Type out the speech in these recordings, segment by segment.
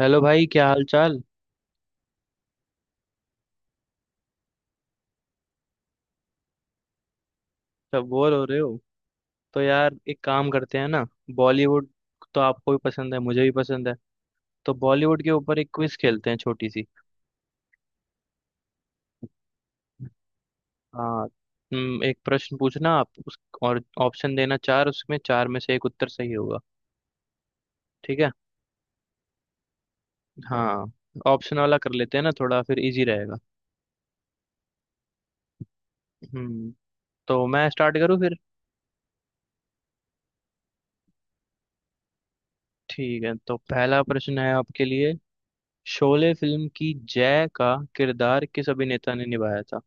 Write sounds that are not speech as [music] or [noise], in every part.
Hello भाई, क्या हाल चाल। सब बोर हो रहे हो। तो यार एक काम करते हैं ना। बॉलीवुड तो आपको भी पसंद है, मुझे भी पसंद है। तो बॉलीवुड के ऊपर एक क्विज खेलते हैं छोटी सी। हाँ। एक प्रश्न पूछना आप उस और ऑप्शन देना चार, उसमें चार में से एक उत्तर सही होगा। ठीक है। हाँ। ऑप्शन वाला कर लेते हैं ना थोड़ा, फिर इजी रहेगा। हम्म। तो मैं स्टार्ट करूँ फिर। ठीक है, तो पहला प्रश्न है आपके लिए। शोले फिल्म की जय का किरदार किस अभिनेता ने निभाया था।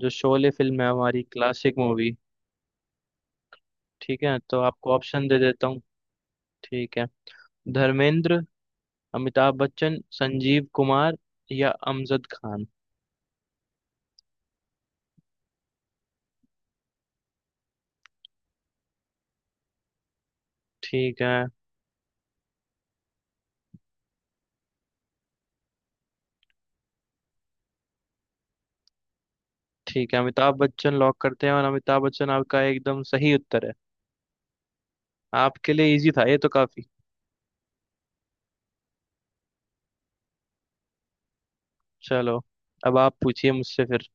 जो शोले फिल्म है हमारी क्लासिक मूवी। ठीक है, तो आपको ऑप्शन दे देता हूँ। ठीक है। धर्मेंद्र, अमिताभ बच्चन, संजीव कुमार या अमजद खान। ठीक है। ठीक है, अमिताभ बच्चन लॉक करते हैं, और अमिताभ बच्चन आपका एकदम सही उत्तर है। आपके लिए इजी था ये तो काफी। चलो, अब आप पूछिए मुझसे फिर।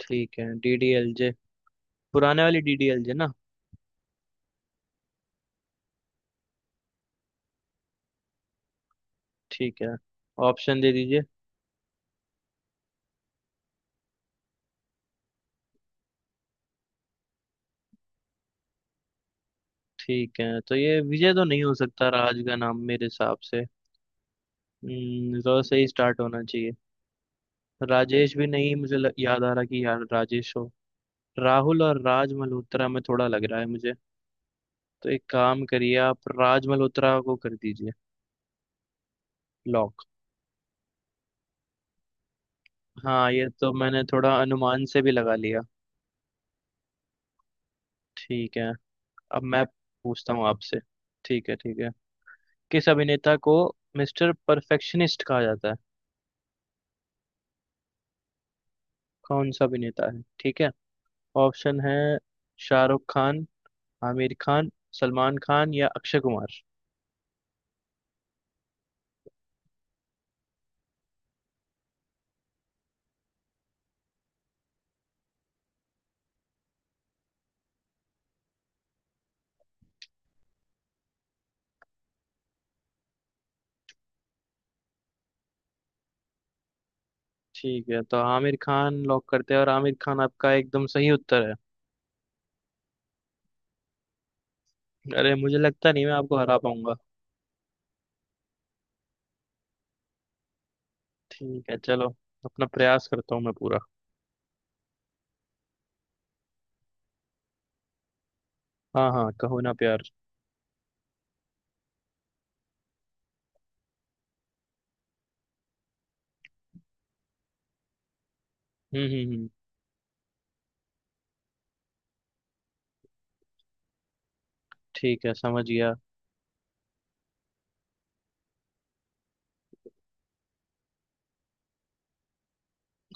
ठीक है, डीडीएलजे। पुराने वाली डीडीएलजे ना। ठीक है, ऑप्शन दे दीजिए। ठीक है, तो ये विजय तो नहीं हो सकता राज का नाम मेरे हिसाब से। र से ही स्टार्ट होना चाहिए। राजेश भी नहीं, मुझे याद आ रहा कि यार राजेश हो। राहुल और राज मल्होत्रा में थोड़ा लग रहा है मुझे। तो एक काम करिए, आप राज मल्होत्रा को कर दीजिए लॉक। हाँ, ये तो मैंने थोड़ा अनुमान से भी लगा लिया। ठीक है। अब मैं पूछता हूँ आपसे। ठीक है, ठीक है। किस अभिनेता को मिस्टर परफेक्शनिस्ट कहा जाता है। कौन सा अभिनेता है, ठीक है। ऑप्शन है शाहरुख खान, आमिर खान, सलमान खान या अक्षय कुमार। ठीक है, तो आमिर खान लॉक करते हैं, और आमिर खान आपका एकदम सही उत्तर है। अरे, मुझे लगता नहीं मैं आपको हरा पाऊंगा। ठीक है, चलो। अपना प्रयास करता हूँ मैं पूरा। हाँ हाँ, कहो ना प्यार। हम्म। ठीक है, समझ गया।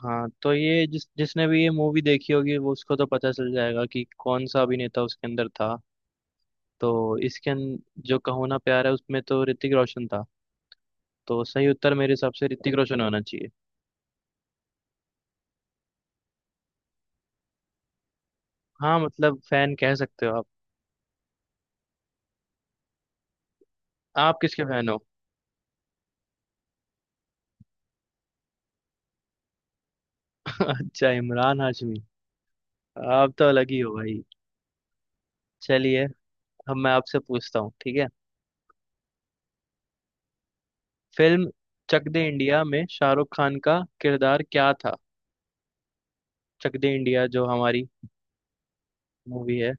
हाँ, तो ये जिस जिसने भी ये मूवी देखी होगी वो उसको तो पता चल जाएगा कि कौन सा अभिनेता उसके अंदर था। तो जो कहो ना प्यार है उसमें तो ऋतिक रोशन था। तो सही उत्तर मेरे हिसाब से ऋतिक रोशन होना चाहिए। हाँ, मतलब फैन कह सकते हो आप। आप किसके फैन हो। [laughs] अच्छा, इमरान हाशमी। आप तो अलग ही हो भाई। चलिए, अब मैं आपसे पूछता हूँ। ठीक है। फिल्म चक दे इंडिया में शाहरुख खान का किरदार क्या था। चक दे इंडिया जो हमारी मूवी है।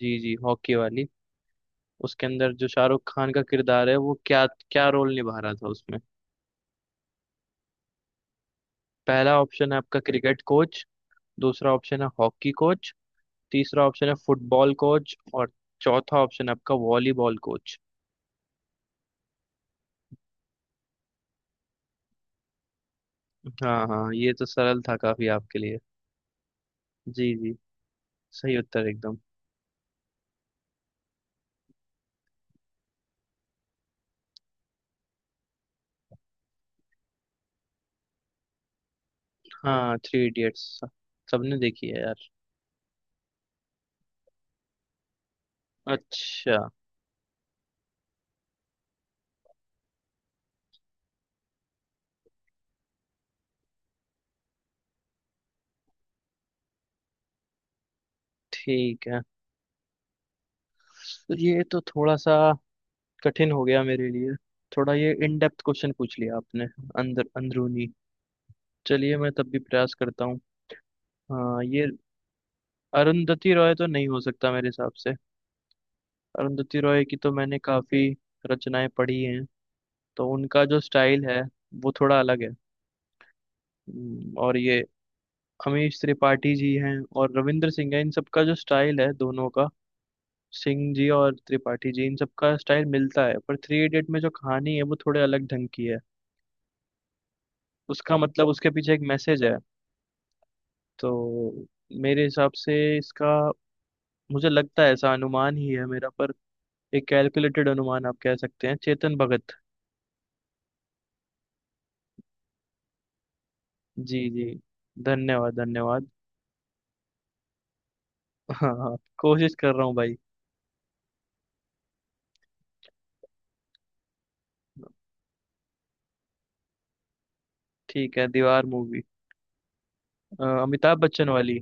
जी जी, हॉकी वाली। उसके अंदर जो शाहरुख खान का किरदार है वो क्या क्या रोल निभा रहा था उसमें। पहला ऑप्शन है आपका क्रिकेट कोच, दूसरा ऑप्शन है हॉकी कोच, तीसरा ऑप्शन है फुटबॉल कोच और चौथा ऑप्शन है आपका वॉलीबॉल कोच। हाँ हाँ, ये तो सरल था काफी आपके लिए। जी जी, सही उत्तर एकदम। हाँ, थ्री इडियट्स सबने देखी है यार। अच्छा। ठीक है, तो ये तो थोड़ा सा कठिन हो गया मेरे लिए। थोड़ा ये इन डेप्थ क्वेश्चन पूछ लिया आपने, अंदर अंदरूनी। चलिए, मैं तब भी प्रयास करता हूँ। हाँ ये, अरुंधति रॉय तो नहीं हो सकता मेरे हिसाब से। अरुंधति रॉय की तो मैंने काफी रचनाएं पढ़ी हैं, तो उनका जो स्टाइल है वो थोड़ा अलग है। और ये अमीश त्रिपाठी जी हैं और रविंद्र सिंह है, इन सबका जो स्टाइल है दोनों का, सिंह जी और त्रिपाठी जी, इन सबका स्टाइल मिलता है, पर थ्री इडियट में जो कहानी है वो थोड़े अलग ढंग की है। उसका मतलब उसके पीछे एक मैसेज है। तो मेरे हिसाब से इसका, मुझे लगता है ऐसा, अनुमान ही है मेरा, पर एक कैलकुलेटेड अनुमान आप कह सकते हैं, चेतन भगत। जी जी, धन्यवाद धन्यवाद। हाँ हाँ, कोशिश कर रहा हूँ भाई। ठीक है, दीवार मूवी, अमिताभ बच्चन वाली।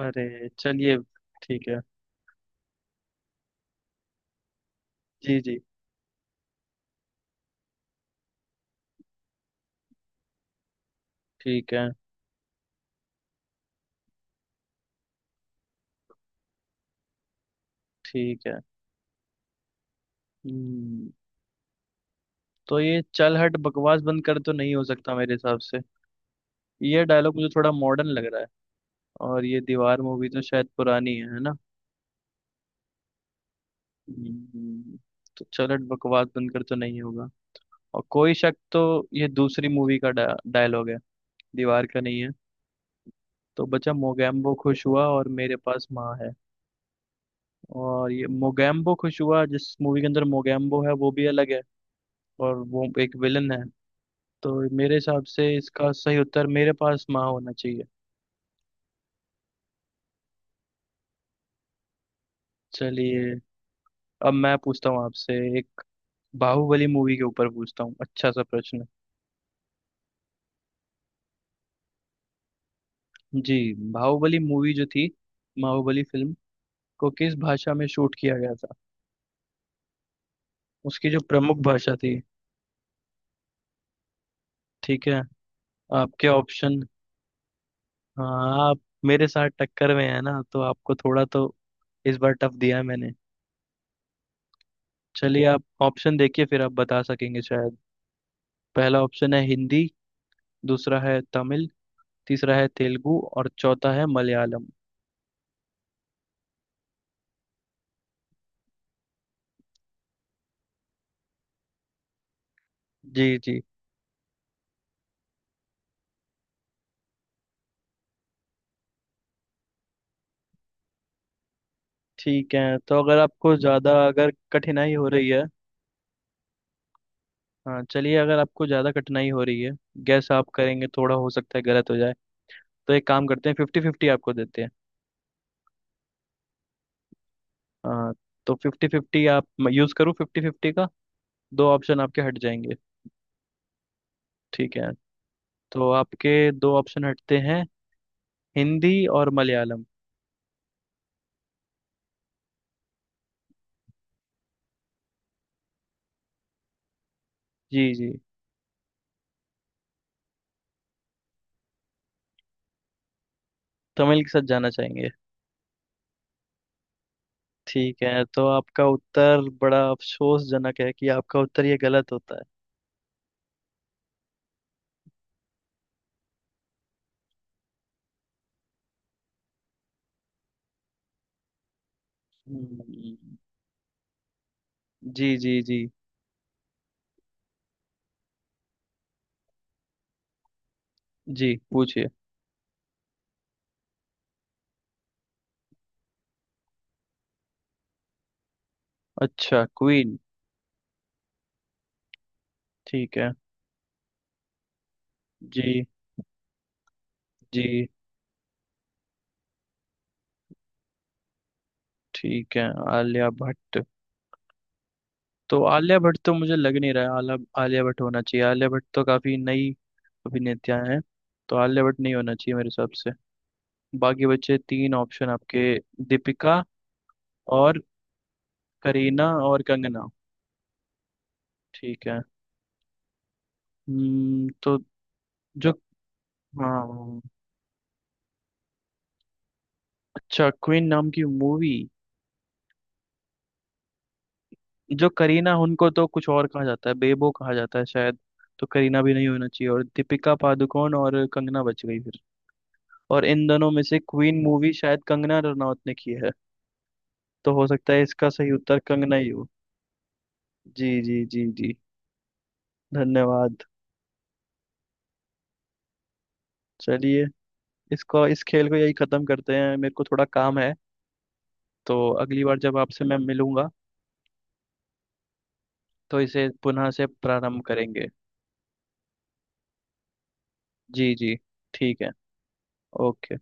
अरे चलिए। ठीक है। जी जी। ठीक है। ठीक है। हम्म, तो ये चल हट बकवास बंद कर तो नहीं हो सकता मेरे हिसाब से। ये डायलॉग मुझे थोड़ा मॉडर्न लग रहा है, और ये दीवार मूवी तो शायद पुरानी है ना। हम्म, तो चल हट बकवास बंद कर तो नहीं होगा। और कोई शक, तो ये दूसरी मूवी का डायलॉग है, दीवार का नहीं है। तो बचा मोगैम्बो खुश हुआ और मेरे पास माँ है। और ये मोगैम्बो खुश हुआ, जिस मूवी के अंदर मोगैम्बो है वो भी अलग है, और वो एक विलन है। तो मेरे हिसाब से इसका सही उत्तर मेरे पास माँ होना चाहिए। चलिए, अब मैं पूछता हूँ आपसे। एक बाहुबली मूवी के ऊपर पूछता हूँ अच्छा सा प्रश्न। जी। बाहुबली मूवी जो थी, बाहुबली फिल्म को किस भाषा में शूट किया गया था, उसकी जो प्रमुख भाषा थी। ठीक है, आपके ऑप्शन। हाँ, आप मेरे साथ टक्कर में है ना, तो आपको थोड़ा तो इस बार टफ दिया है मैंने। चलिए, आप ऑप्शन देखिए फिर आप बता सकेंगे शायद। पहला ऑप्शन है हिंदी, दूसरा है तमिल, तीसरा है तेलुगु और चौथा है मलयालम। जी जी। ठीक है, तो अगर आपको ज़्यादा, अगर कठिनाई हो रही है। हाँ चलिए, अगर आपको ज़्यादा कठिनाई हो रही है, गैस आप करेंगे थोड़ा, हो सकता है गलत हो जाए। तो एक काम करते हैं, फिफ्टी फिफ्टी आपको देते हैं। हाँ, तो फिफ्टी फिफ्टी आप, यूज़ करूँ फिफ्टी फिफ्टी का, दो ऑप्शन आपके हट जाएंगे। ठीक है, तो आपके दो ऑप्शन हटते हैं, हिंदी और मलयालम। जी जी। तमिल के साथ जाना चाहेंगे। ठीक है, तो आपका उत्तर बड़ा अफसोसजनक है कि आपका उत्तर ये गलत होता है। हम्म, जी जी जी जी, पूछिए। अच्छा क्वीन। ठीक है। जी जी। ठीक है, आलिया भट्ट। तो आलिया भट्ट तो मुझे लग नहीं रहा है आला आलिया भट्ट होना चाहिए, आलिया भट्ट तो काफी नई अभिनेता हैं, तो आलिया भट्ट नहीं होना चाहिए मेरे हिसाब से। बाकी बचे तीन ऑप्शन आपके, दीपिका और करीना और कंगना। ठीक है। हम्म, तो जो, हाँ, अच्छा, क्वीन नाम की मूवी। जो करीना, उनको तो कुछ और कहा जाता है, बेबो कहा जाता है शायद। तो करीना भी नहीं होना चाहिए, और दीपिका पादुकोण और कंगना बच गई फिर। और इन दोनों में से क्वीन मूवी शायद कंगना रनौत ने की है। तो हो सकता है इसका सही उत्तर कंगना ही हो। जी जी जी जी, धन्यवाद। चलिए, इसको इस खेल को यही खत्म करते हैं, मेरे को थोड़ा काम है। तो अगली बार जब आपसे मैं मिलूंगा तो इसे पुनः से प्रारंभ करेंगे। जी जी, ठीक है। ओके।